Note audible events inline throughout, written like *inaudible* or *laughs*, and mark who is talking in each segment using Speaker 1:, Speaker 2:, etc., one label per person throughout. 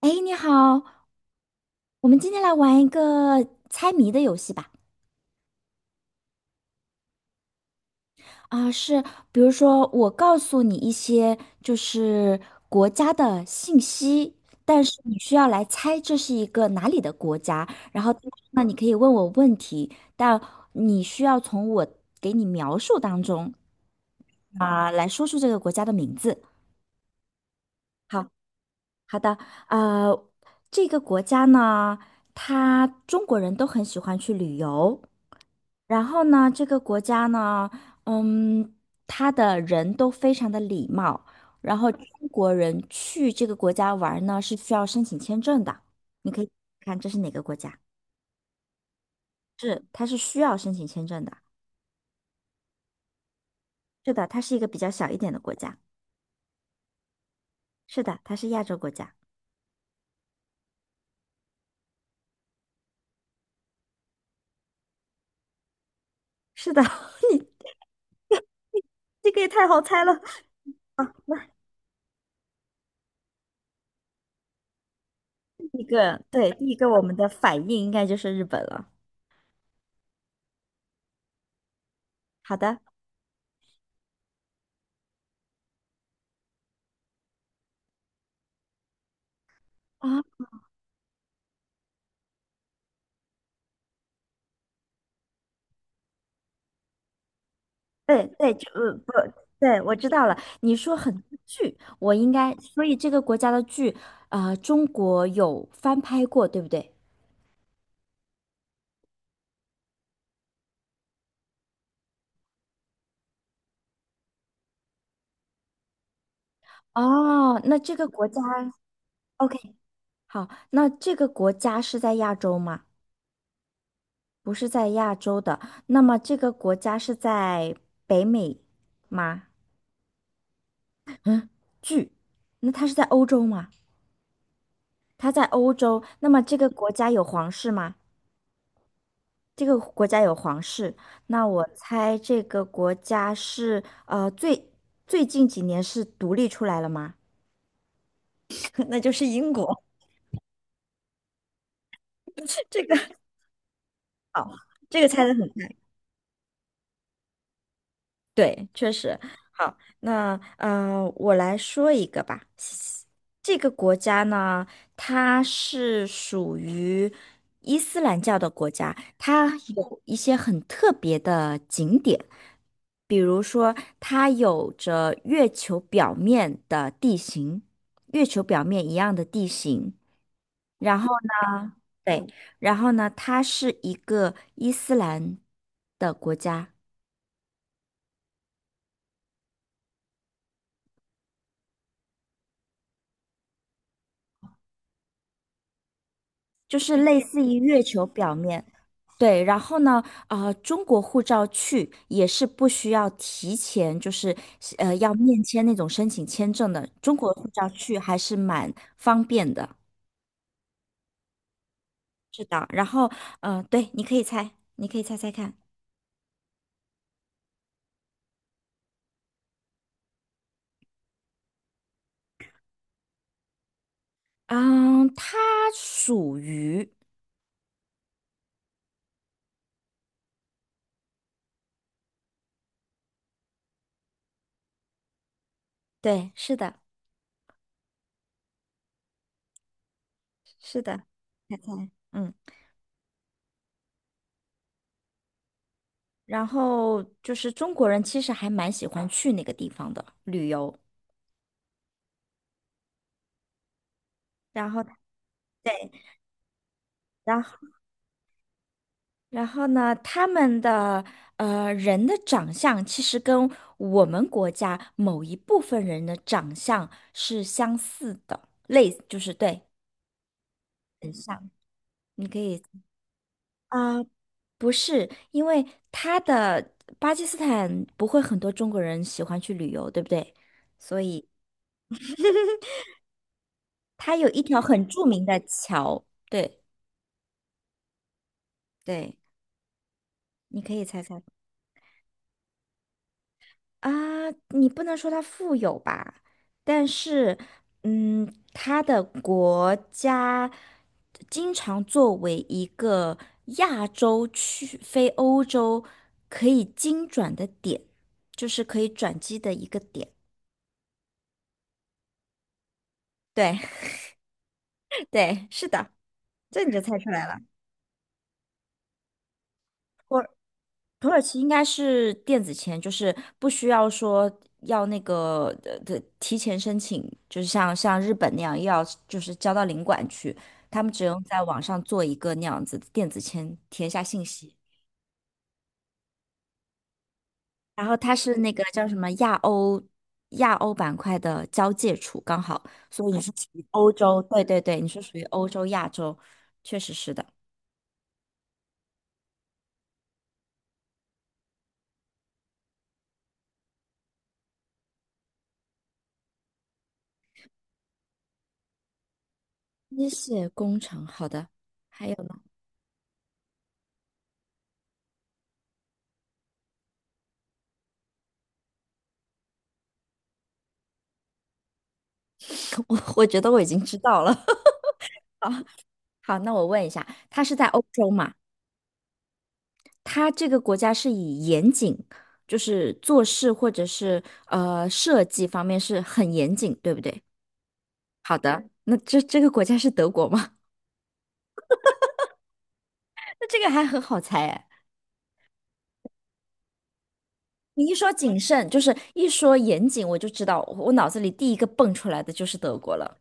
Speaker 1: 哎，你好，我们今天来玩一个猜谜的游戏吧。啊，是，比如说我告诉你一些就是国家的信息，但是你需要来猜这是一个哪里的国家。然后那你可以问我问题，但你需要从我给你描述当中来说出这个国家的名字。好，好的，呃，这个国家呢，它中国人都很喜欢去旅游。然后呢，这个国家呢，嗯，他的人都非常的礼貌，然后中国人去这个国家玩呢是需要申请签证的，你可以看这是哪个国家？是，它是需要申请签证的。是的，它是一个比较小一点的国家。是的，它是亚洲国家。是的，*laughs* 你这个也太好猜了。第一个，对，第一个我们的反应应该就是日本了。好的。啊。对对，就不，对，我知道了。你说很多剧，我应该，所以这个国家的剧，中国有翻拍过，对不对？哦，那这个国家，OK，好，那这个国家是在亚洲吗？不是在亚洲的，那么这个国家是在北美吗？嗯，剧，那它是在欧洲吗？它在欧洲，那么这个国家有皇室吗？这个国家有皇室，那我猜这个国家是最近几年是独立出来了吗？*laughs* 那就是英国。*laughs* 这个这个猜的很。对，确实。好，那我来说一个吧。这个国家呢，它是属于伊斯兰教的国家，它有一些很特别的景点，比如说，它有着月球表面的地形，月球表面一样的地形。然后呢，对，然后呢，它是一个伊斯兰的国家。就是类似于月球表面。对，然后呢，中国护照去也是不需要提前，就是要面签那种申请签证的。中国护照去还是蛮方便的。是的，然后对，你可以猜，你可以猜猜看。嗯，它属于，对，是的，是的，猜猜，嗯，然后就是中国人其实还蛮喜欢去那个地方的旅游，然后，然后。然后呢，他们的人的长相其实跟我们国家某一部分人的长相是相似的，类就是对，很像。你可以啊、不是，因为他的巴基斯坦不会很多中国人喜欢去旅游，对不对？所以 *laughs* 它有一条很著名的桥，对对，你可以猜猜。啊，你不能说它富有吧，但是，嗯，它的国家经常作为一个亚洲去非欧洲可以经转的点，就是可以转机的一个点。对 *laughs* 对，是的，这你就猜出来了。土耳其应该是电子签，就是不需要说要那个的提前申请，就是像日本那样要就是交到领馆去，他们只用在网上做一个那样子的电子签，填一下信息。然后它是那个叫什么亚欧亚欧板块的交界处，刚好，所以你是属于欧洲，对对对，你是属于欧洲亚洲，确实是的。机械工程，好的，还有呢，*laughs* 我觉得我已经知道了。好，那我问一下，它是在欧洲嘛？它这个国家是以严谨，就是做事或者是设计方面是很严谨，对不对？好的，那这个国家是德国吗？*laughs* 那这个还很好猜哎。你一说谨慎，就是一说严谨，我就知道我脑子里第一个蹦出来的就是德国了。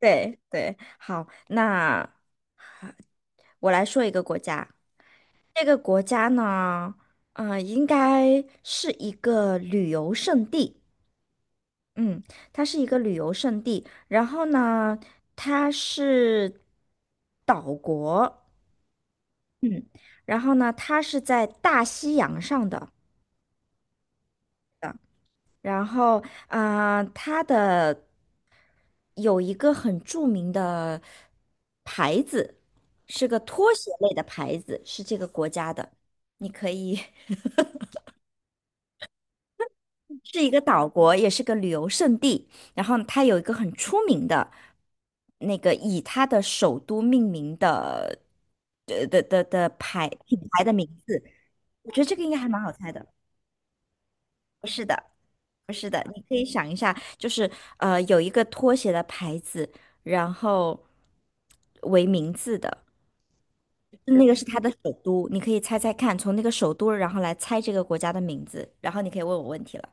Speaker 1: 对对，好，那我来说一个国家，这个国家呢，嗯，应该是一个旅游胜地。嗯，它是一个旅游胜地，然后呢，它是岛国，嗯，然后呢，它是在大西洋上的，然后它的有一个很著名的牌子，是个拖鞋类的牌子，是这个国家的，你可以 *laughs* 是一个岛国，也是个旅游胜地。然后它有一个很出名的，那个以它的首都命名的品牌的名字，我觉得这个应该还蛮好猜的。是的，不是的，你可以想一下，就是有一个拖鞋的牌子，然后为名字的，那个是它的首都，你可以猜猜看，从那个首都然后来猜这个国家的名字，然后你可以问我问题了。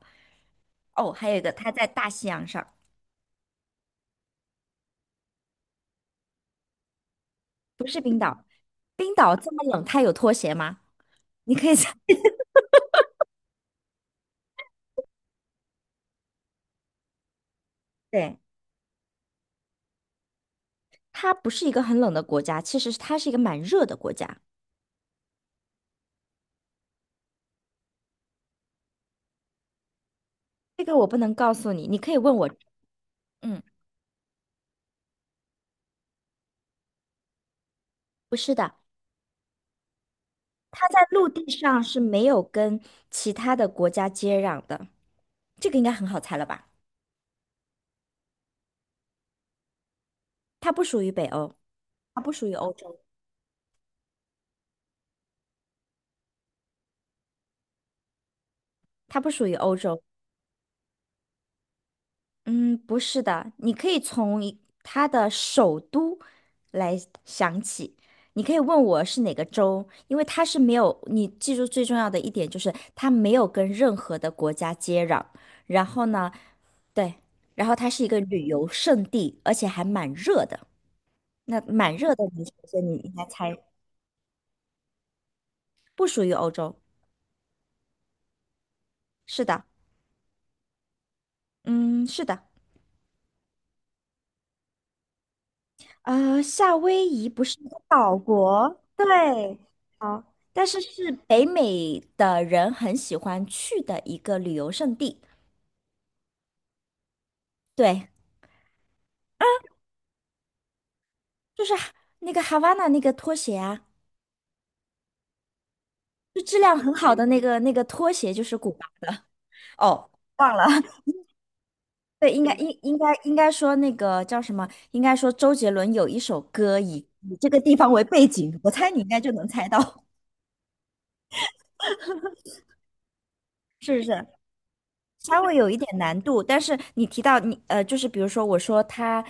Speaker 1: 哦，还有一个，它在大西洋上，不是冰岛。冰岛这么冷，它有拖鞋吗？你可以猜，对，它不是一个很冷的国家，其实它是一个蛮热的国家。这个我不能告诉你，你可以问我。嗯，不是的，它在陆地上是没有跟其他的国家接壤的。这个应该很好猜了吧？它不属于北欧，它不属于欧洲，它不属于欧洲，嗯，不是的，你可以从一它的首都来想起。你可以问我是哪个州，因为它是没有，你记住最重要的一点就是它没有跟任何的国家接壤。然后呢，对，然后它是一个旅游胜地，而且还蛮热的。那蛮热的你，首先你应该猜不属于欧洲。是的，嗯，是的。夏威夷不是一个岛国，对，好，但是是北美的人很喜欢去的一个旅游胜地。对，就是哈那个哈瓦那那个拖鞋啊，就质量很好的那个拖鞋，就是古巴。哦，忘了，*laughs* 对，应该应应该说那个叫什么？应该说周杰伦有一首歌以这个地方为背景，我猜你应该就能猜到，*laughs* 是不是？稍微有一点难度，但是你提到你就是比如说我说它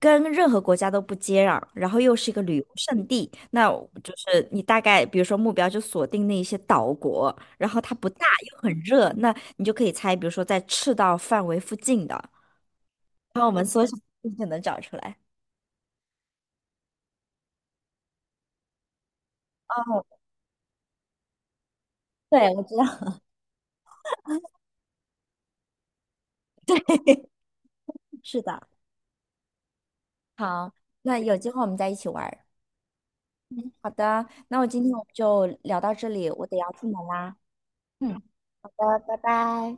Speaker 1: 跟任何国家都不接壤，然后又是一个旅游胜地，那我就是你大概比如说目标就锁定那一些岛国，然后它不大又很热，那你就可以猜，比如说在赤道范围附近的，然后我们缩小就能找出来。哦，对，我知道，*laughs* 是的。好，那有机会我们再一起玩儿好的，那今天我们就聊到这里，我得要出门啦。嗯，好的，拜拜。